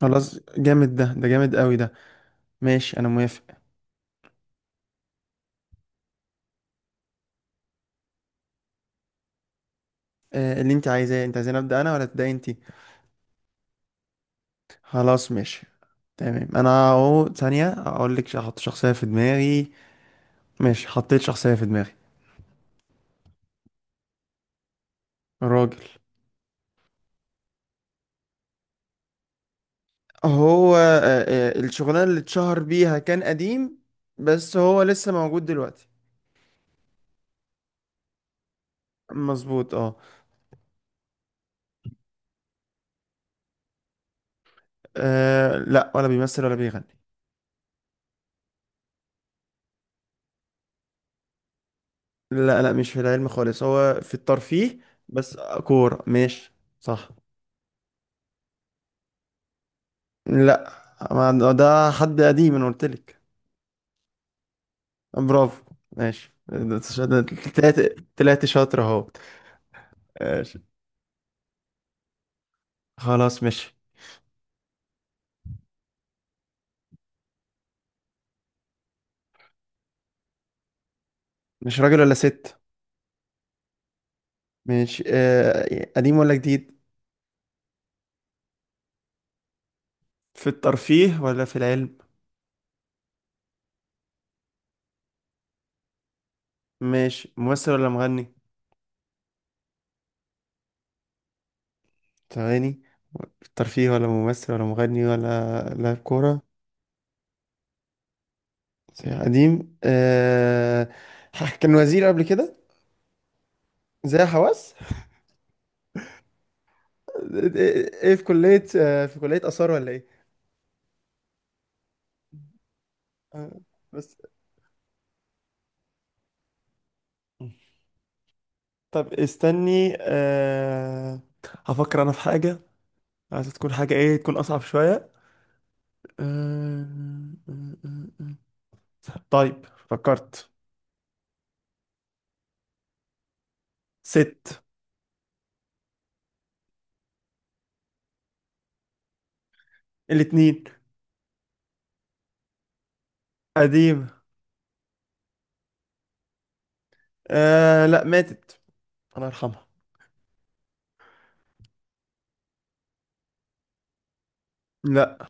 خلاص جامد ده جامد قوي ده. ماشي انا موافق. اللي انت عايزاه، انت عايزين ابدا انا ولا تبداي انت؟ خلاص ماشي. تمام، انا اهو ثانيه اقول لك احط شخصيه في دماغي. ماشي، حطيت شخصيه في دماغي. راجل. هو الشغلانه اللي اتشهر بيها كان قديم. بس هو لسه موجود دلوقتي. مظبوط اه. لا، ولا بيمثل ولا بيغني. لا، لا، مش في العلم خالص، هو في الترفيه. بس. كوره ماشي. صح. لا، ما ده حد قديم، انا قلت لك. برافو ماشي، ده. طلعت طلعت شاطر اهو. ماشي. خلاص ماشي. مش راجل ولا ست؟ ماشي. قديم ولا جديد؟ في الترفيه ولا في العلم؟ ماشي. ممثل ولا مغني؟ تغني. في الترفيه ولا ممثل ولا مغني ولا لاعب كورة؟ زي قديم، كان وزير قبل كده. زي حواس. ايه، في كلية آثار ولا ايه؟ آه. بس. طب استني. هفكر انا في حاجة. عايز تكون حاجة ايه، تكون اصعب شوية. أه... طيب فكرت. ست. الاتنين. قديم. لا، ماتت. الله يرحمها. لا.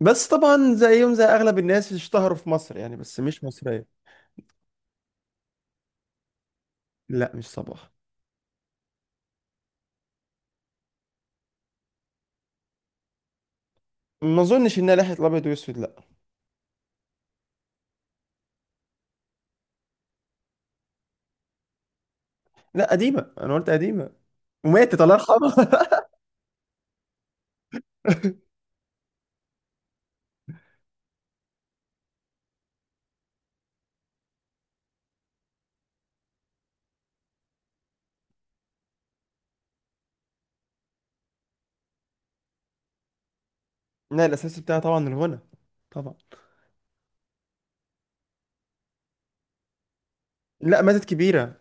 بس طبعا زيهم زي اغلب الناس اشتهروا في مصر يعني، بس مش مصرية. لا، مش صباح. ما اظنش انها لحية الابيض واسود، لا. لا، قديمة، انا قلت قديمة. وماتت، الله يرحمها. لا، الاساس بتاعها طبعا الغنى. طبعا. لا، ماتت كبيرة.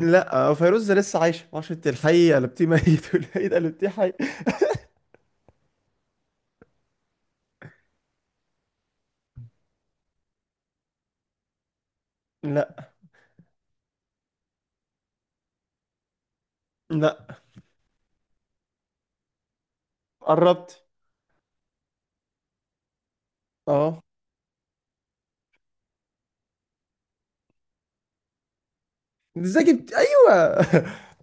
لا، فيروز لسه عايشة، معرفش انت الحي قلبتيه ميت والميت قلبتيه حي. لا. لا. قربت. اه. ازاي جبت! ايوه.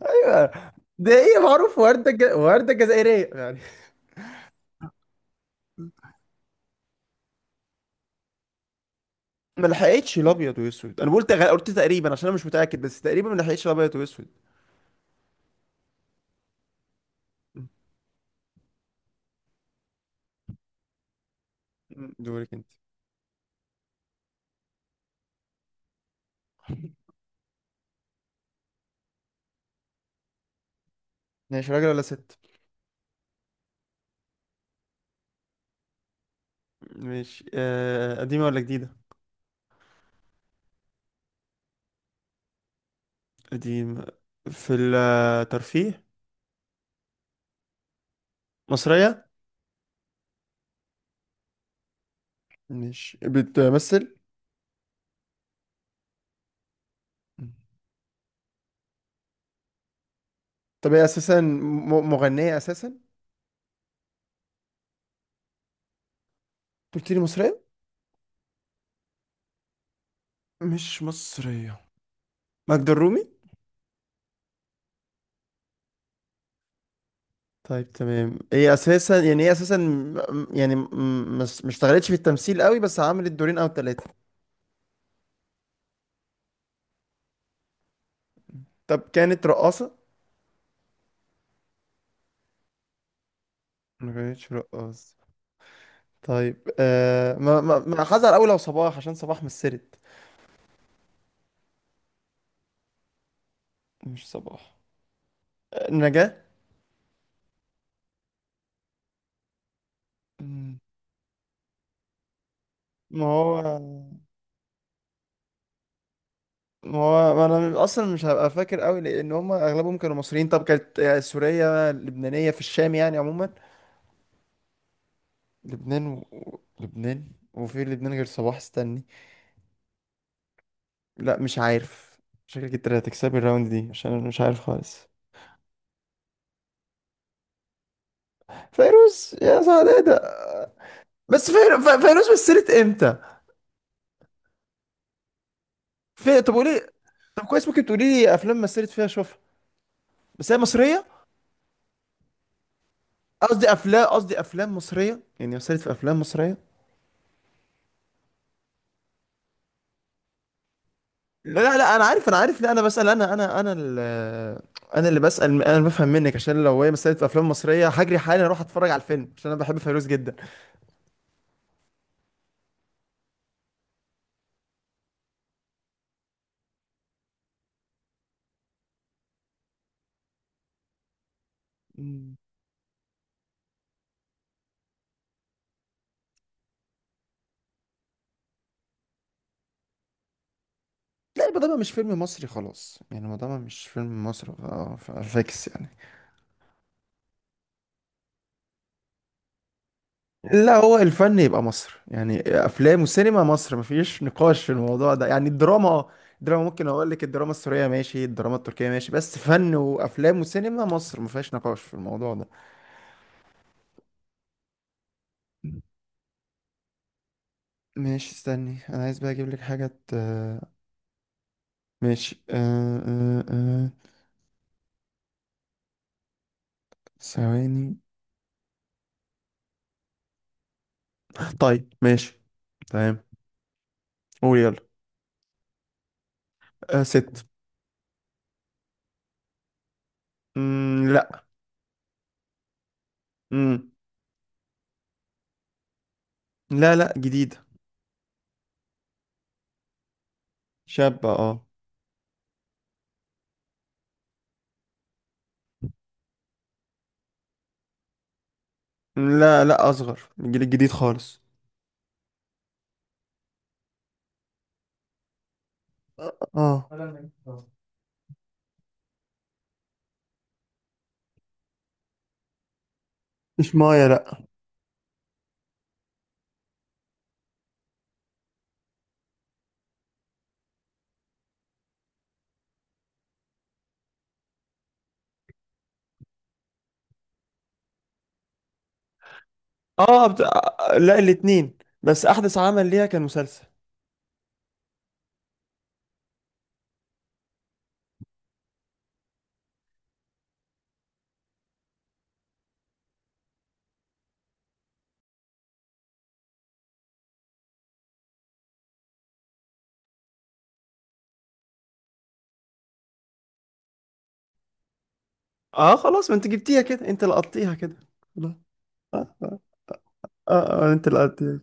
ايوه. ده ايه معروف، وردة جزائرية يعني. ما لحقتش الابيض واسود، انا قلت تقريبا عشان انا مش متأكد، بس تقريبا ما لحقتش الابيض واسود. م. م. دورك انت. ماشي. راجل ولا ست؟ ماشي. قديمة ولا جديدة؟ قديمة. في الترفيه. مصرية؟ مش بتمثل؟ طب هي اساسا مغنية اساسا، أنت. قلت لي مصرية. مش مصرية. ماجدة الرومي. طيب تمام، هي اساسا يعني مش اشتغلتش في التمثيل قوي، بس عملت دورين او ثلاثة. طب كانت رقاصة؟ ما كانتش رقاصة. طيب، ما حذر قوي لو صباح، عشان صباح مثلت. مش صباح. نجاة؟ مم. ما هو ما هو، ما انا اصلا مش هبقى فاكر قوي، لان هم اغلبهم كانوا مصريين. طب كانت سورية لبنانية في الشام يعني عموما. لبنان. وفي لبنان غير صباح، استني. لا، مش عارف. شكلك انت اللي هتكسبي الراوند دي، عشان انا مش عارف خالص. فيروز يا سعدادة! بس فيروز مثلت امتى؟ طب قولي. طب كويس، ممكن تقولي لي افلام مثلت فيها اشوفها. بس هي مصرية. قصدي افلام مصرية، يعني مثلت في افلام مصرية. لا، لا، لا، انا عارف، لا، انا بسأل، انا انا اللي بسأل، انا اللي بفهم منك، عشان لو هي مثلت في افلام مصرية هجري حالا اروح اتفرج على الفيلم، عشان انا بحب فيروز جدا. لا، يبقى ده مش فيلم مصري خلاص يعني، ما ده مش فيلم مصري، فيكس يعني. لا، هو الفن يبقى مصر، يعني افلام وسينما مصر مفيش نقاش في الموضوع ده، يعني الدراما. الدراما ممكن اقول لك، الدراما السورية ماشي، الدراما التركية ماشي، بس فن وافلام وسينما مصر مفيهاش نقاش في الموضوع ده. ماشي استني، انا عايز بقى اجيب لك حاجة، ماشي. ثواني. طيب ماشي. تمام. قول يلا. ست. لا. مم. لا، لا، جديد. شاب اه. لا، لا، اصغر من الجيل الجديد خالص. اه. مش مايا، لا. اه، لا، الاتنين. بس احدث عمل ليها كان مسلسل. اه خلاص، ما انت جبتيها كده، انت لقطتيها كده. خلاص. اه، اه، انت لقطتيها.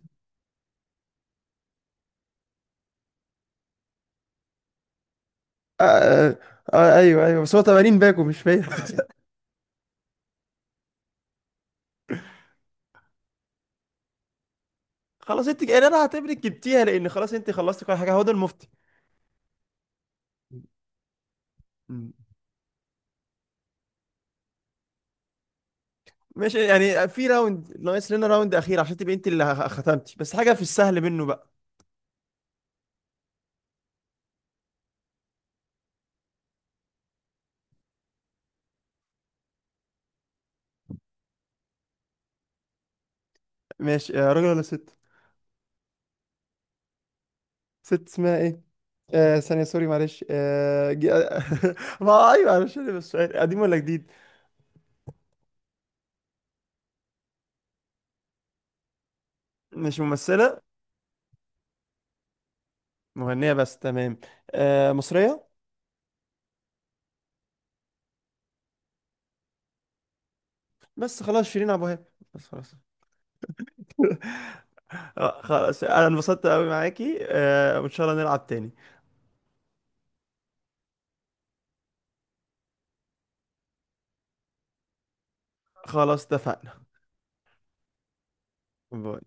آه, آه, ايوه، ايوه، بس هو 80 باكو مش فيا. خلاص، انت يعني انا هعتبرك جبتيها، لان خلاص انت خلصتي كل حاجه، هو ده المفتي. مم. ماشي يعني، في راوند ناقص لنا، راوند اخير عشان تبقي انت اللي ختمتي، بس حاجه في السهل منه بقى. ماشي. راجل ولا ست؟ ست. اسمها ايه؟ ثانية سوري معلش، ما ايوه معلش، انا بس سؤال: قديم ولا جديد؟ مش ممثلة؟ مغنية بس، تمام. مصرية؟ بس خلاص شيرين عبد الوهاب. بس خلاص. خلاص انا انبسطت قوي معاكي وان شاء الله نلعب تاني. خلاص اتفقنا. باي.